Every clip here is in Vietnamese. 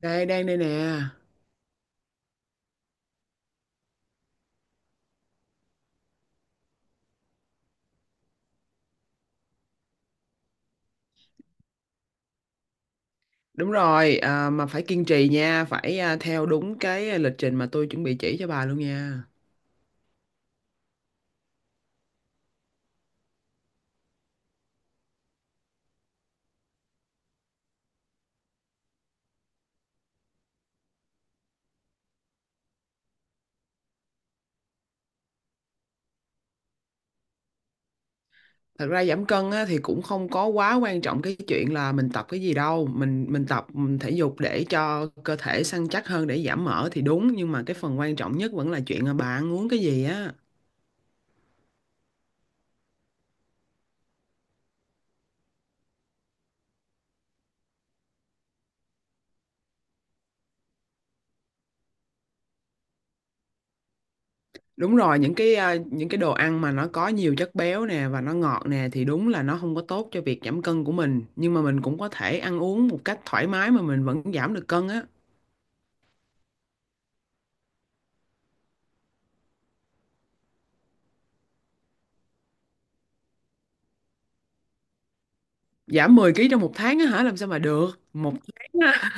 Đây, đang đây nè. Đúng rồi, à, mà phải kiên trì nha, phải theo đúng cái lịch trình mà tôi chuẩn bị chỉ cho bà luôn nha. Thật ra giảm cân á, thì cũng không có quá quan trọng cái chuyện là mình tập cái gì đâu, mình tập mình thể dục để cho cơ thể săn chắc hơn để giảm mỡ thì đúng, nhưng mà cái phần quan trọng nhất vẫn là chuyện là bà ăn uống cái gì á. Đúng rồi, những cái những cái đồ ăn mà nó có nhiều chất béo nè và nó ngọt nè thì đúng là nó không có tốt cho việc giảm cân của mình, nhưng mà mình cũng có thể ăn uống một cách thoải mái mà mình vẫn giảm được cân á. Giảm 10 ký trong một tháng á hả làm sao mà được? Một tháng á,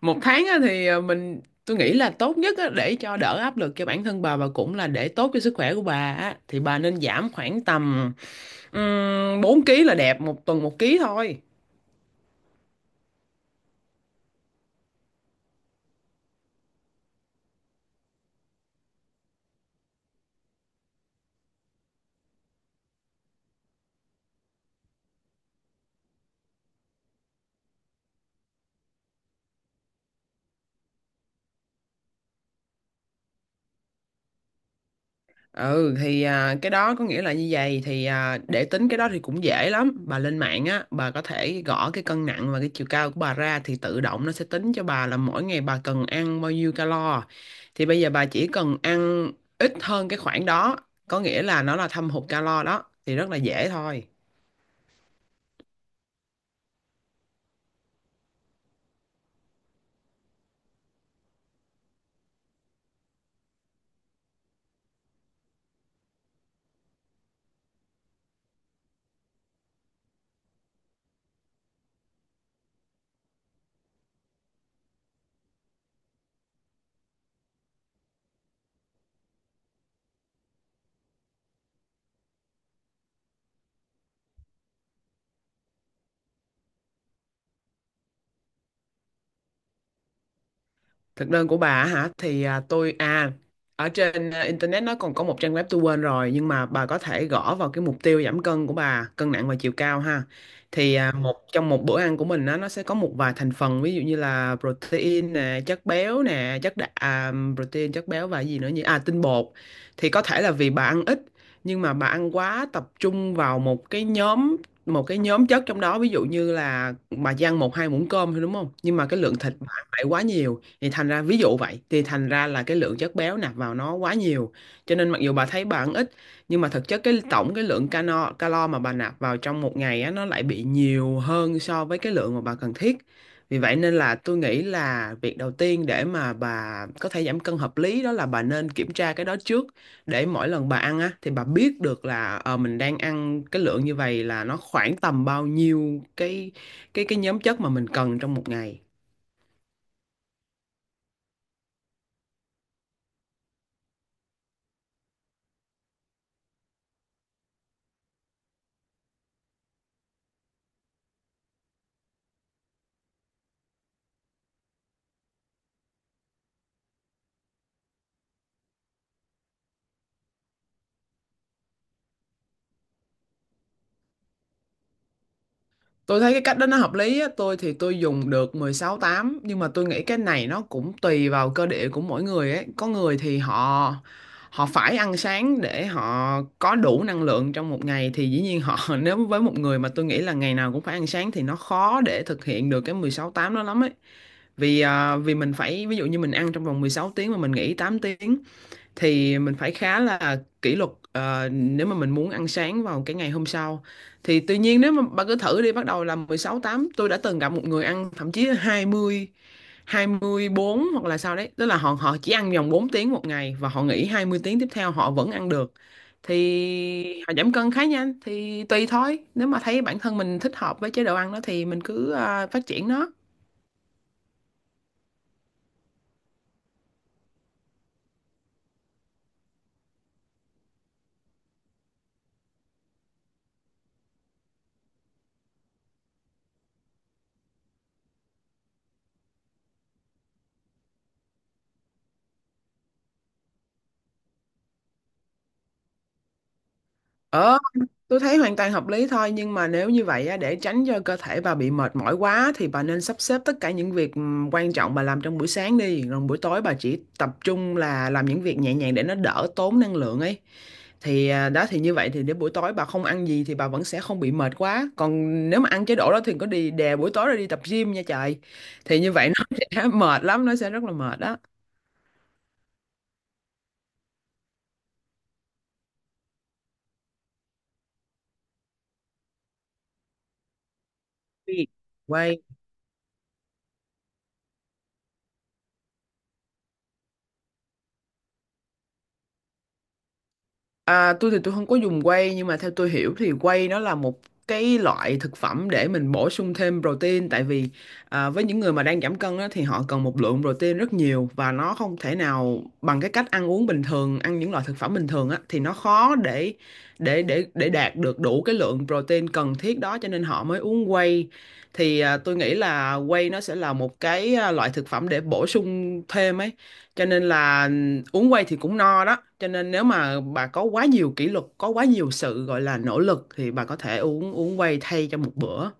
một tháng á thì mình tôi nghĩ là tốt nhất á, để cho đỡ áp lực cho bản thân bà và cũng là để tốt cho sức khỏe của bà á, thì bà nên giảm khoảng tầm 4 ký là đẹp, một tuần một ký thôi. Ừ thì à, cái đó có nghĩa là như vậy thì để tính cái đó thì cũng dễ lắm, bà lên mạng á, bà có thể gõ cái cân nặng và cái chiều cao của bà ra thì tự động nó sẽ tính cho bà là mỗi ngày bà cần ăn bao nhiêu calo. Thì bây giờ bà chỉ cần ăn ít hơn cái khoảng đó, có nghĩa là nó là thâm hụt calo đó, thì rất là dễ thôi. Thực đơn của bà á hả? Thì à, tôi ở trên internet nó còn có một trang web tôi quên rồi, nhưng mà bà có thể gõ vào cái mục tiêu giảm cân của bà, cân nặng và chiều cao ha. Thì à, một trong một bữa ăn của mình á, nó sẽ có một vài thành phần ví dụ như là protein nè, chất béo nè, chất đạm, protein, chất béo và gì nữa nhỉ? À, tinh bột. Thì có thể là vì bà ăn ít nhưng mà bà ăn quá tập trung vào một cái nhóm chất trong đó, ví dụ như là bà chỉ ăn một hai muỗng cơm thôi đúng không, nhưng mà cái lượng thịt bà ăn lại quá nhiều, thì thành ra ví dụ vậy thì thành ra là cái lượng chất béo nạp vào nó quá nhiều, cho nên mặc dù bà thấy bà ăn ít nhưng mà thực chất cái tổng cái lượng calo calo mà bà nạp vào trong một ngày á nó lại bị nhiều hơn so với cái lượng mà bà cần thiết. Vì vậy nên là tôi nghĩ là việc đầu tiên để mà bà có thể giảm cân hợp lý đó là bà nên kiểm tra cái đó trước, để mỗi lần bà ăn á thì bà biết được là mình đang ăn cái lượng như vậy là nó khoảng tầm bao nhiêu cái cái nhóm chất mà mình cần trong một ngày. Tôi thấy cái cách đó nó hợp lý á, tôi thì tôi dùng được 16 8, nhưng mà tôi nghĩ cái này nó cũng tùy vào cơ địa của mỗi người ấy. Có người thì họ họ phải ăn sáng để họ có đủ năng lượng trong một ngày thì dĩ nhiên họ nếu với một người mà tôi nghĩ là ngày nào cũng phải ăn sáng thì nó khó để thực hiện được cái 16 8 đó lắm ấy. Vì vì mình phải ví dụ như mình ăn trong vòng 16 tiếng mà mình nghỉ 8 tiếng thì mình phải khá là kỷ luật, nếu mà mình muốn ăn sáng vào cái ngày hôm sau. Thì tuy nhiên nếu mà bạn cứ thử đi bắt đầu là 16 8, tôi đã từng gặp một người ăn thậm chí là hai 20, 24 hoặc là sao đấy, tức là họ họ chỉ ăn vòng 4 tiếng một ngày và họ nghỉ 20 tiếng tiếp theo họ vẫn ăn được, thì họ giảm cân khá nhanh, thì tùy thôi nếu mà thấy bản thân mình thích hợp với chế độ ăn đó thì mình cứ phát triển nó. Ờ. Tôi thấy hoàn toàn hợp lý thôi, nhưng mà nếu như vậy á, để tránh cho cơ thể bà bị mệt mỏi quá thì bà nên sắp xếp tất cả những việc quan trọng bà làm trong buổi sáng đi, rồi buổi tối bà chỉ tập trung là làm những việc nhẹ nhàng để nó đỡ tốn năng lượng ấy. Thì à, đó, thì như vậy thì đến buổi tối bà không ăn gì thì bà vẫn sẽ không bị mệt quá, còn nếu mà ăn chế độ đó thì có đi đè buổi tối rồi đi tập gym nha trời, thì như vậy nó sẽ mệt lắm, nó sẽ rất là mệt đó. Quay. À, tôi thì tôi không có dùng whey, nhưng mà theo tôi hiểu thì whey nó là một cái loại thực phẩm để mình bổ sung thêm protein, tại vì với những người mà đang giảm cân á, thì họ cần một lượng protein rất nhiều và nó không thể nào bằng cái cách ăn uống bình thường, ăn những loại thực phẩm bình thường á, thì nó khó để đạt được đủ cái lượng protein cần thiết đó, cho nên họ mới uống whey. Thì à, tôi nghĩ là whey nó sẽ là một cái loại thực phẩm để bổ sung thêm ấy, cho nên là uống quay thì cũng no đó, cho nên nếu mà bà có quá nhiều kỷ luật, có quá nhiều sự gọi là nỗ lực thì bà có thể uống uống quay thay cho một bữa.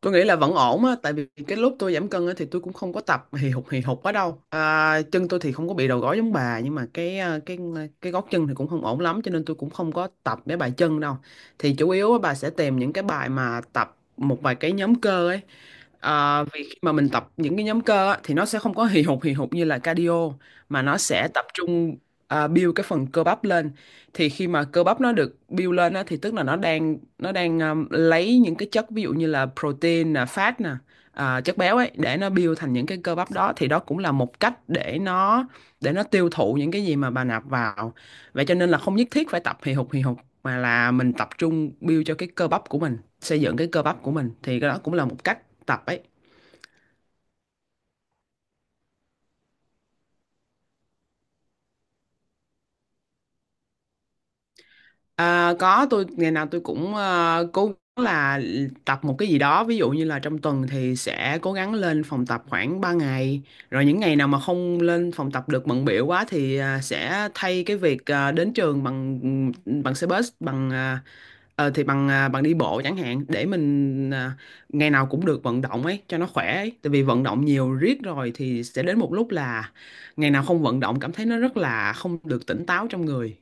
Tôi nghĩ là vẫn ổn á, tại vì cái lúc tôi giảm cân á thì tôi cũng không có tập hì hục quá đâu, chân tôi thì không có bị đầu gối giống bà, nhưng mà cái gót chân thì cũng không ổn lắm cho nên tôi cũng không có tập mấy bài chân đâu, thì chủ yếu á, bà sẽ tìm những cái bài mà tập một vài cái nhóm cơ ấy. À, vì khi mà mình tập những cái nhóm cơ á, thì nó sẽ không có hì hục như là cardio, mà nó sẽ tập trung build cái phần cơ bắp lên. Thì khi mà cơ bắp nó được build lên á, thì tức là nó đang lấy những cái chất, ví dụ như là protein nè, fat nè, chất béo ấy, để nó build thành những cái cơ bắp đó, thì đó cũng là một cách để nó tiêu thụ những cái gì mà bà nạp vào. Vậy cho nên là không nhất thiết phải tập hì hục mà là mình tập trung build cho cái cơ bắp của mình, xây dựng cái cơ bắp của mình, thì cái đó cũng là một cách tập ấy. À, có, tôi ngày nào tôi cũng cố gắng là tập một cái gì đó, ví dụ như là trong tuần thì sẽ cố gắng lên phòng tập khoảng 3 ngày, rồi những ngày nào mà không lên phòng tập được bận bịu quá thì sẽ thay cái việc đến trường bằng bằng xe bus, bằng bằng đi bộ chẳng hạn, để mình ngày nào cũng được vận động ấy cho nó khỏe ấy, tại vì vận động nhiều riết rồi thì sẽ đến một lúc là ngày nào không vận động cảm thấy nó rất là không được tỉnh táo trong người.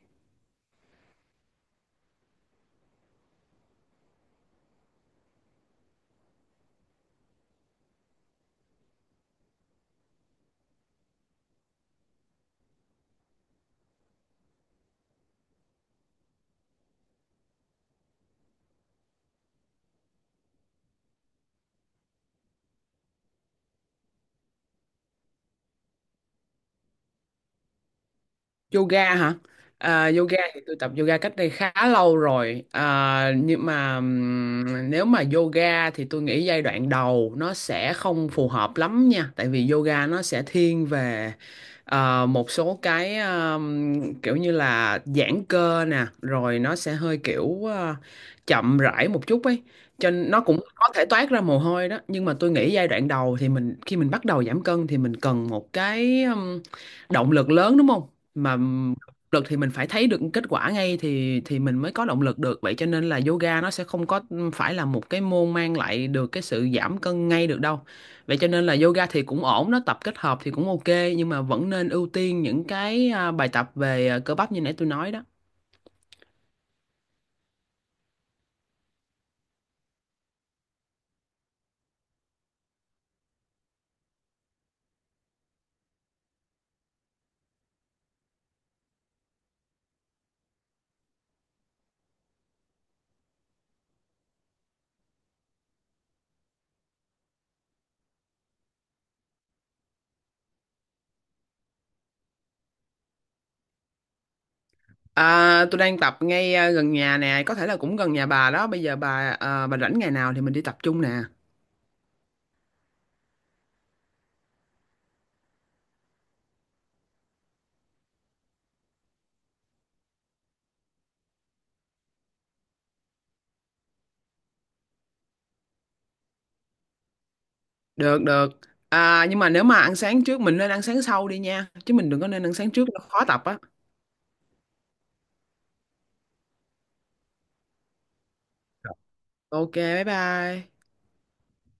Yoga hả? À, yoga thì tôi tập yoga cách đây khá lâu rồi. À, nhưng mà nếu mà yoga thì tôi nghĩ giai đoạn đầu nó sẽ không phù hợp lắm nha. Tại vì yoga nó sẽ thiên về một số cái kiểu như là giãn cơ nè, rồi nó sẽ hơi kiểu chậm rãi một chút ấy. Cho nên nó cũng có thể toát ra mồ hôi đó. Nhưng mà tôi nghĩ giai đoạn đầu thì mình, khi mình bắt đầu giảm cân thì mình cần một cái động lực lớn đúng không? Mà động lực thì mình phải thấy được kết quả ngay thì mình mới có động lực được, vậy cho nên là yoga nó sẽ không có phải là một cái môn mang lại được cái sự giảm cân ngay được đâu. Vậy cho nên là yoga thì cũng ổn, nó tập kết hợp thì cũng ok, nhưng mà vẫn nên ưu tiên những cái bài tập về cơ bắp như nãy tôi nói đó. À, tôi đang tập ngay gần nhà nè, có thể là cũng gần nhà bà đó, bây giờ bà bà rảnh ngày nào thì mình đi tập chung nè. Được, được. À, nhưng mà nếu mà ăn sáng trước, mình nên ăn sáng sau đi nha, chứ mình đừng có nên ăn sáng trước nó khó tập á. Ok, bye bye.